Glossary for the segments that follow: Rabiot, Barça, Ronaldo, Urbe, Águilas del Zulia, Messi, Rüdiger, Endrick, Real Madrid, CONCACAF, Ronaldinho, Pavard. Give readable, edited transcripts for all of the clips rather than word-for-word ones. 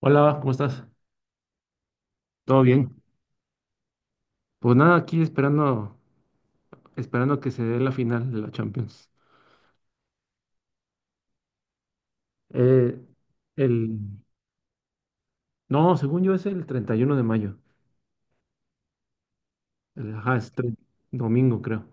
Hola, ¿cómo estás? ¿Todo bien? Pues nada, aquí esperando, esperando que se dé la final de la Champions. Eh, el, no, según yo es el 31 de mayo. El, ajá, es tre- Domingo, creo.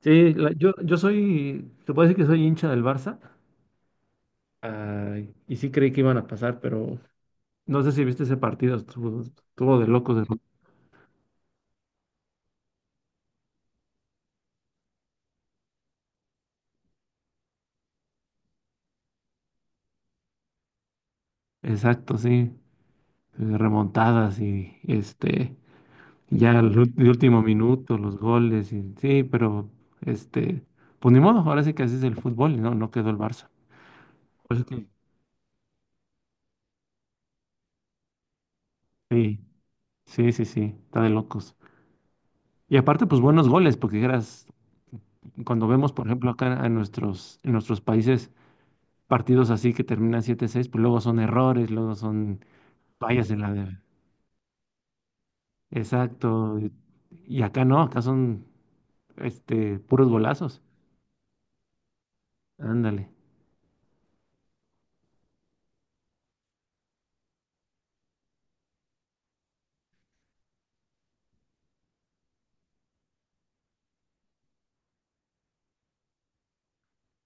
Yo soy, se puede decir que soy hincha del Barça. Ah, y sí creí que iban a pasar, pero no sé si viste ese partido, estuvo, estuvo de locos. Exacto, sí. Remontadas. El último minuto, los goles, y, sí, pero este, pues ni modo, ahora sí que así es el fútbol, ¿no? No quedó el Barça. Por eso te- Sí, sí, sí, sí, está de locos. Y aparte, pues buenos goles, porque dijeras, cuando vemos, por ejemplo, acá en nuestros países, partidos así que terminan siete seis pues luego son errores, luego son fallas en Exacto. Y acá no, acá son puros golazos. Ándale.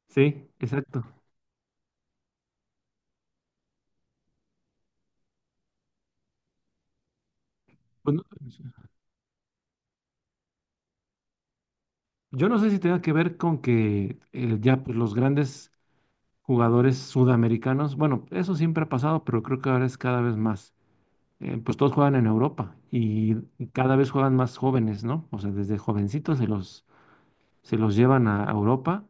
Sí, exacto. Pues no- Yo no sé si tenga que ver con que ya pues, los grandes jugadores sudamericanos, bueno, eso siempre ha pasado, pero creo que ahora es cada vez más. Pues todos juegan en Europa y cada vez juegan más jóvenes, ¿no? O sea, desde jovencitos se los llevan a Europa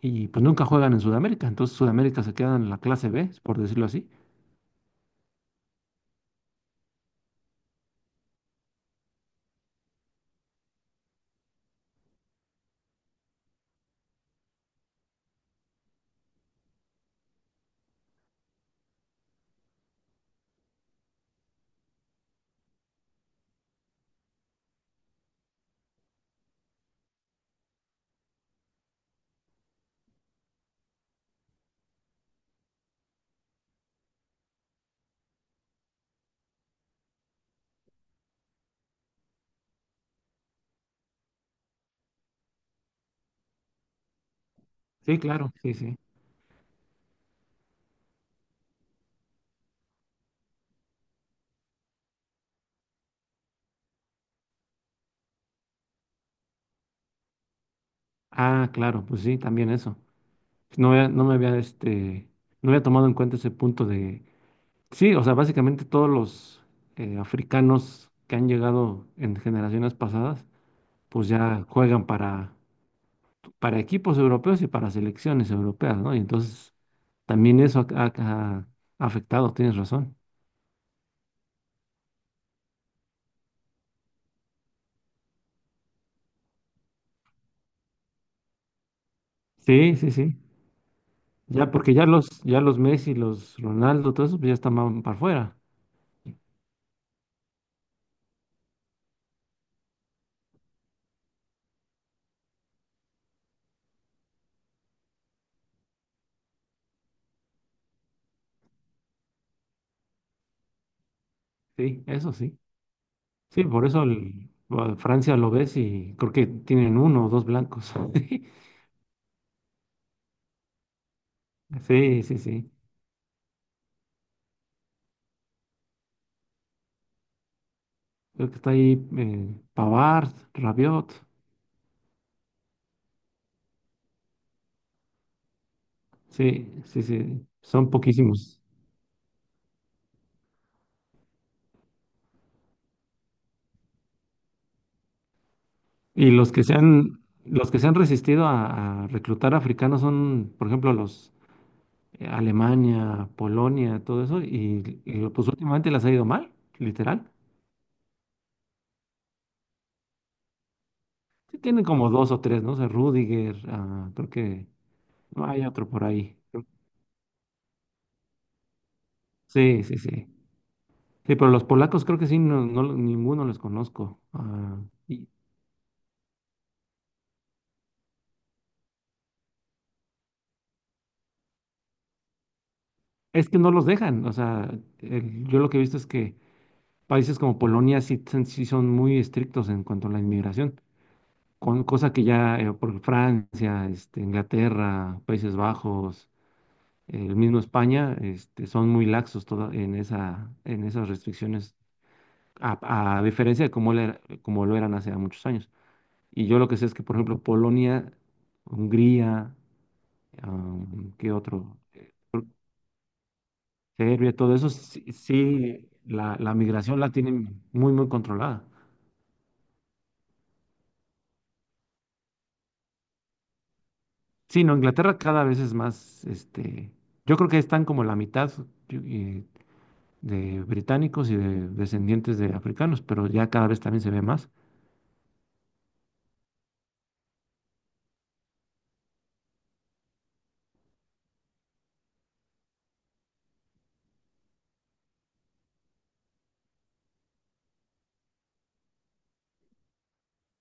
y pues nunca juegan en Sudamérica. Entonces Sudamérica se queda en la clase B, por decirlo así. Sí, claro, sí, sí. Ah, claro, pues sí, también eso. No me había, no había tomado en cuenta ese punto de sí, o sea, básicamente todos los africanos que han llegado en generaciones pasadas, pues ya juegan para equipos europeos y para selecciones europeas, ¿no? Y entonces también eso ha afectado, tienes razón. Sí, sí, sí. Ya porque ya los Messi, los Ronaldo, todo eso, pues ya están para afuera. Sí, eso sí. Sí, por eso a Francia lo ves y creo que tienen uno o dos blancos. Sí, sí, sí. Creo que está ahí Pavard, Rabiot. Sí, sí, sí, son poquísimos. Y los que se han, los que se han resistido a reclutar africanos son, por ejemplo, los Alemania, Polonia, todo eso, y pues últimamente les ha ido mal, literal. Sí, tienen como dos o tres, ¿no? O sea, Rüdiger, ah, creo que no hay otro por ahí. Sí, sí, sí. Sí, pero los polacos creo que sí, no, no, ninguno les conozco. Ah, y es que no los dejan, o sea, yo lo que he visto es que países como Polonia sí son muy estrictos en cuanto a la inmigración, con, cosa que ya por Francia, Inglaterra, Países Bajos, el mismo España, son muy laxos en esas restricciones, a diferencia de cómo, como lo eran hace muchos años. Y yo lo que sé es que, por ejemplo, Polonia, Hungría, am, ¿qué otro? Serbia, todo eso, sí, sí, la migración la tienen muy, muy controlada. Sí, no, Inglaterra cada vez es más, yo creo que están como la mitad yo- eh, de británicos y de descendientes de africanos, pero ya cada vez también se ve más.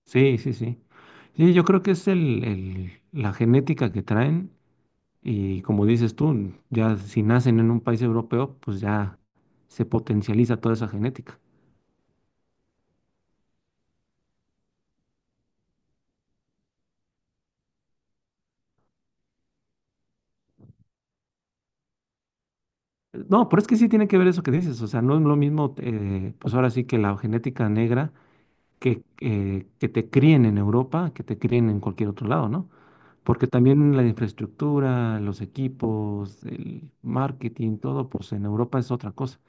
Sí, sí, sí. Sí, yo creo que es la genética que traen y como dices tú, ya si nacen en un país europeo, pues ya se potencializa toda esa genética. No, pero es que sí tiene que ver eso que dices, o sea, no es lo mismo, pues ahora sí que la genética negra que te críen en Europa, que te críen en cualquier otro lado, ¿no? Porque también la infraestructura, los equipos, el marketing, todo, pues en Europa es otra cosa.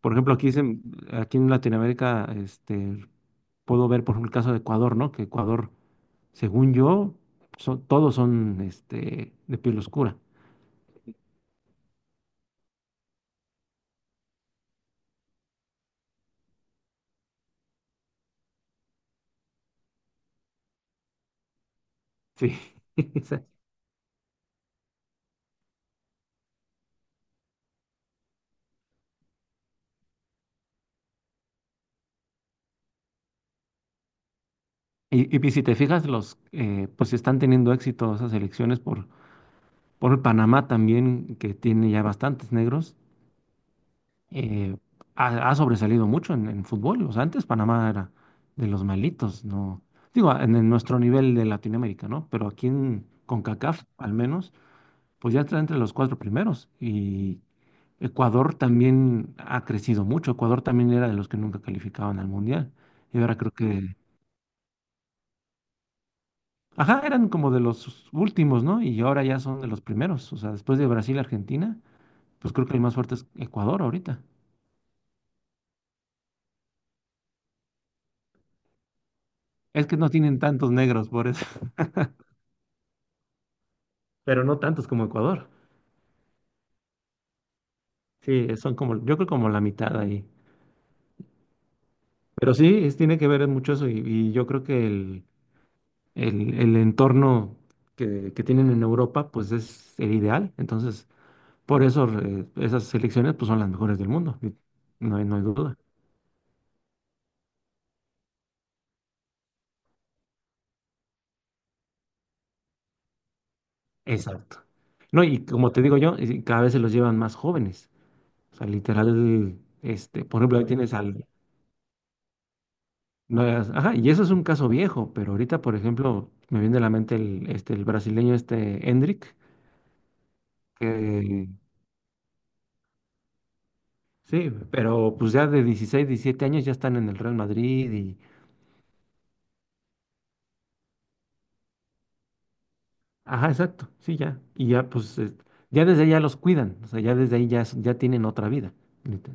Por ejemplo, aquí en Latinoamérica, puedo ver, por ejemplo, el caso de Ecuador, ¿no? Que Ecuador, según yo, son, todos son de piel oscura. Sí. Esa- Y, y pues, si te fijas, los, pues están teniendo éxito esas elecciones por Panamá también, que tiene ya bastantes negros, eh, ha, ha sobresalido mucho en fútbol. O sea, antes Panamá era de los malitos, ¿no? Digo, en nuestro nivel de Latinoamérica, ¿no? Pero aquí en CONCACAF, al menos, pues ya está entre los cuatro primeros. Y Ecuador también ha crecido mucho. Ecuador también era de los que nunca calificaban al Mundial. Y ahora creo que... Ajá, eran como de los últimos, ¿no? Y ahora ya son de los primeros. O sea, después de Brasil y Argentina, pues creo que el más fuerte es Ecuador ahorita. Es que no tienen tantos negros, por eso. Pero no tantos como Ecuador. Sí, son como, yo creo como la mitad ahí. Pero sí, tiene que ver mucho eso y yo creo que el entorno que tienen en Europa pues es el ideal. Entonces, por eso esas selecciones pues son las mejores del mundo. Y no hay, no hay duda. Exacto. No, y como te digo yo, y cada vez se los llevan más jóvenes. O sea, literal, por ejemplo, ahí tienes al... no, ajá, y eso es un caso viejo, pero ahorita, por ejemplo, me viene a la mente el brasileño este Endrick. Que sí, pero pues ya de 16, 17 años ya están en el Real Madrid y... Ajá, exacto, sí, ya. Y ya pues, ya desde ahí ya los cuidan, o sea, ya desde ahí ya, ya tienen otra vida. Neta.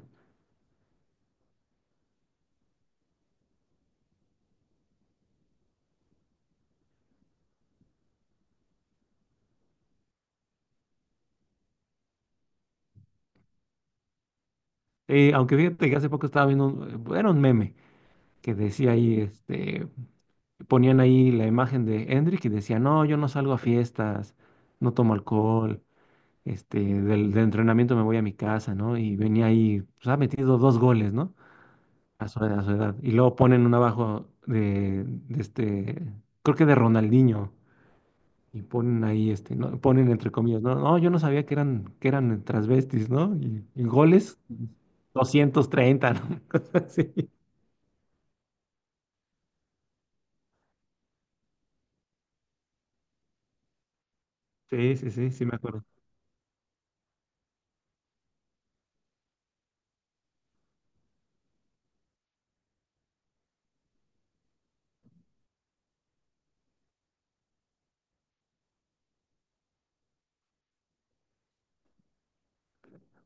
Aunque fíjate que hace poco estaba viendo, un, era un meme que decía ahí, ponían ahí la imagen de Hendrik y decía, no, yo no salgo a fiestas, no tomo alcohol, del entrenamiento me voy a mi casa, ¿no? Y venía ahí, pues ha metido dos goles, ¿no? A a su edad. Y luego ponen un abajo de este, creo que de Ronaldinho. Y ponen ahí, ¿no? Ponen entre comillas, no, no, yo no sabía que eran transvestis, ¿no? Y goles, 230, ¿no? Sí, sí me acuerdo.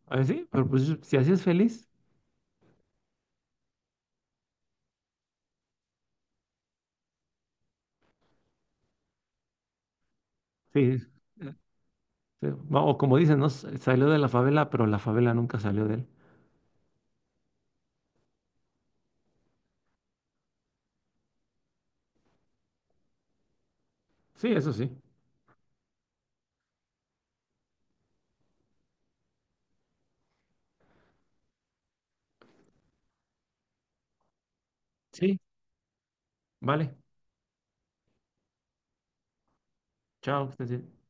A ver, sí, pero pues si así es feliz, sí. eh, Sí, o como dicen, ¿no? Salió de la favela, pero la favela nunca salió de él. Sí, eso sí. Sí, vale. Chao, que estés bien.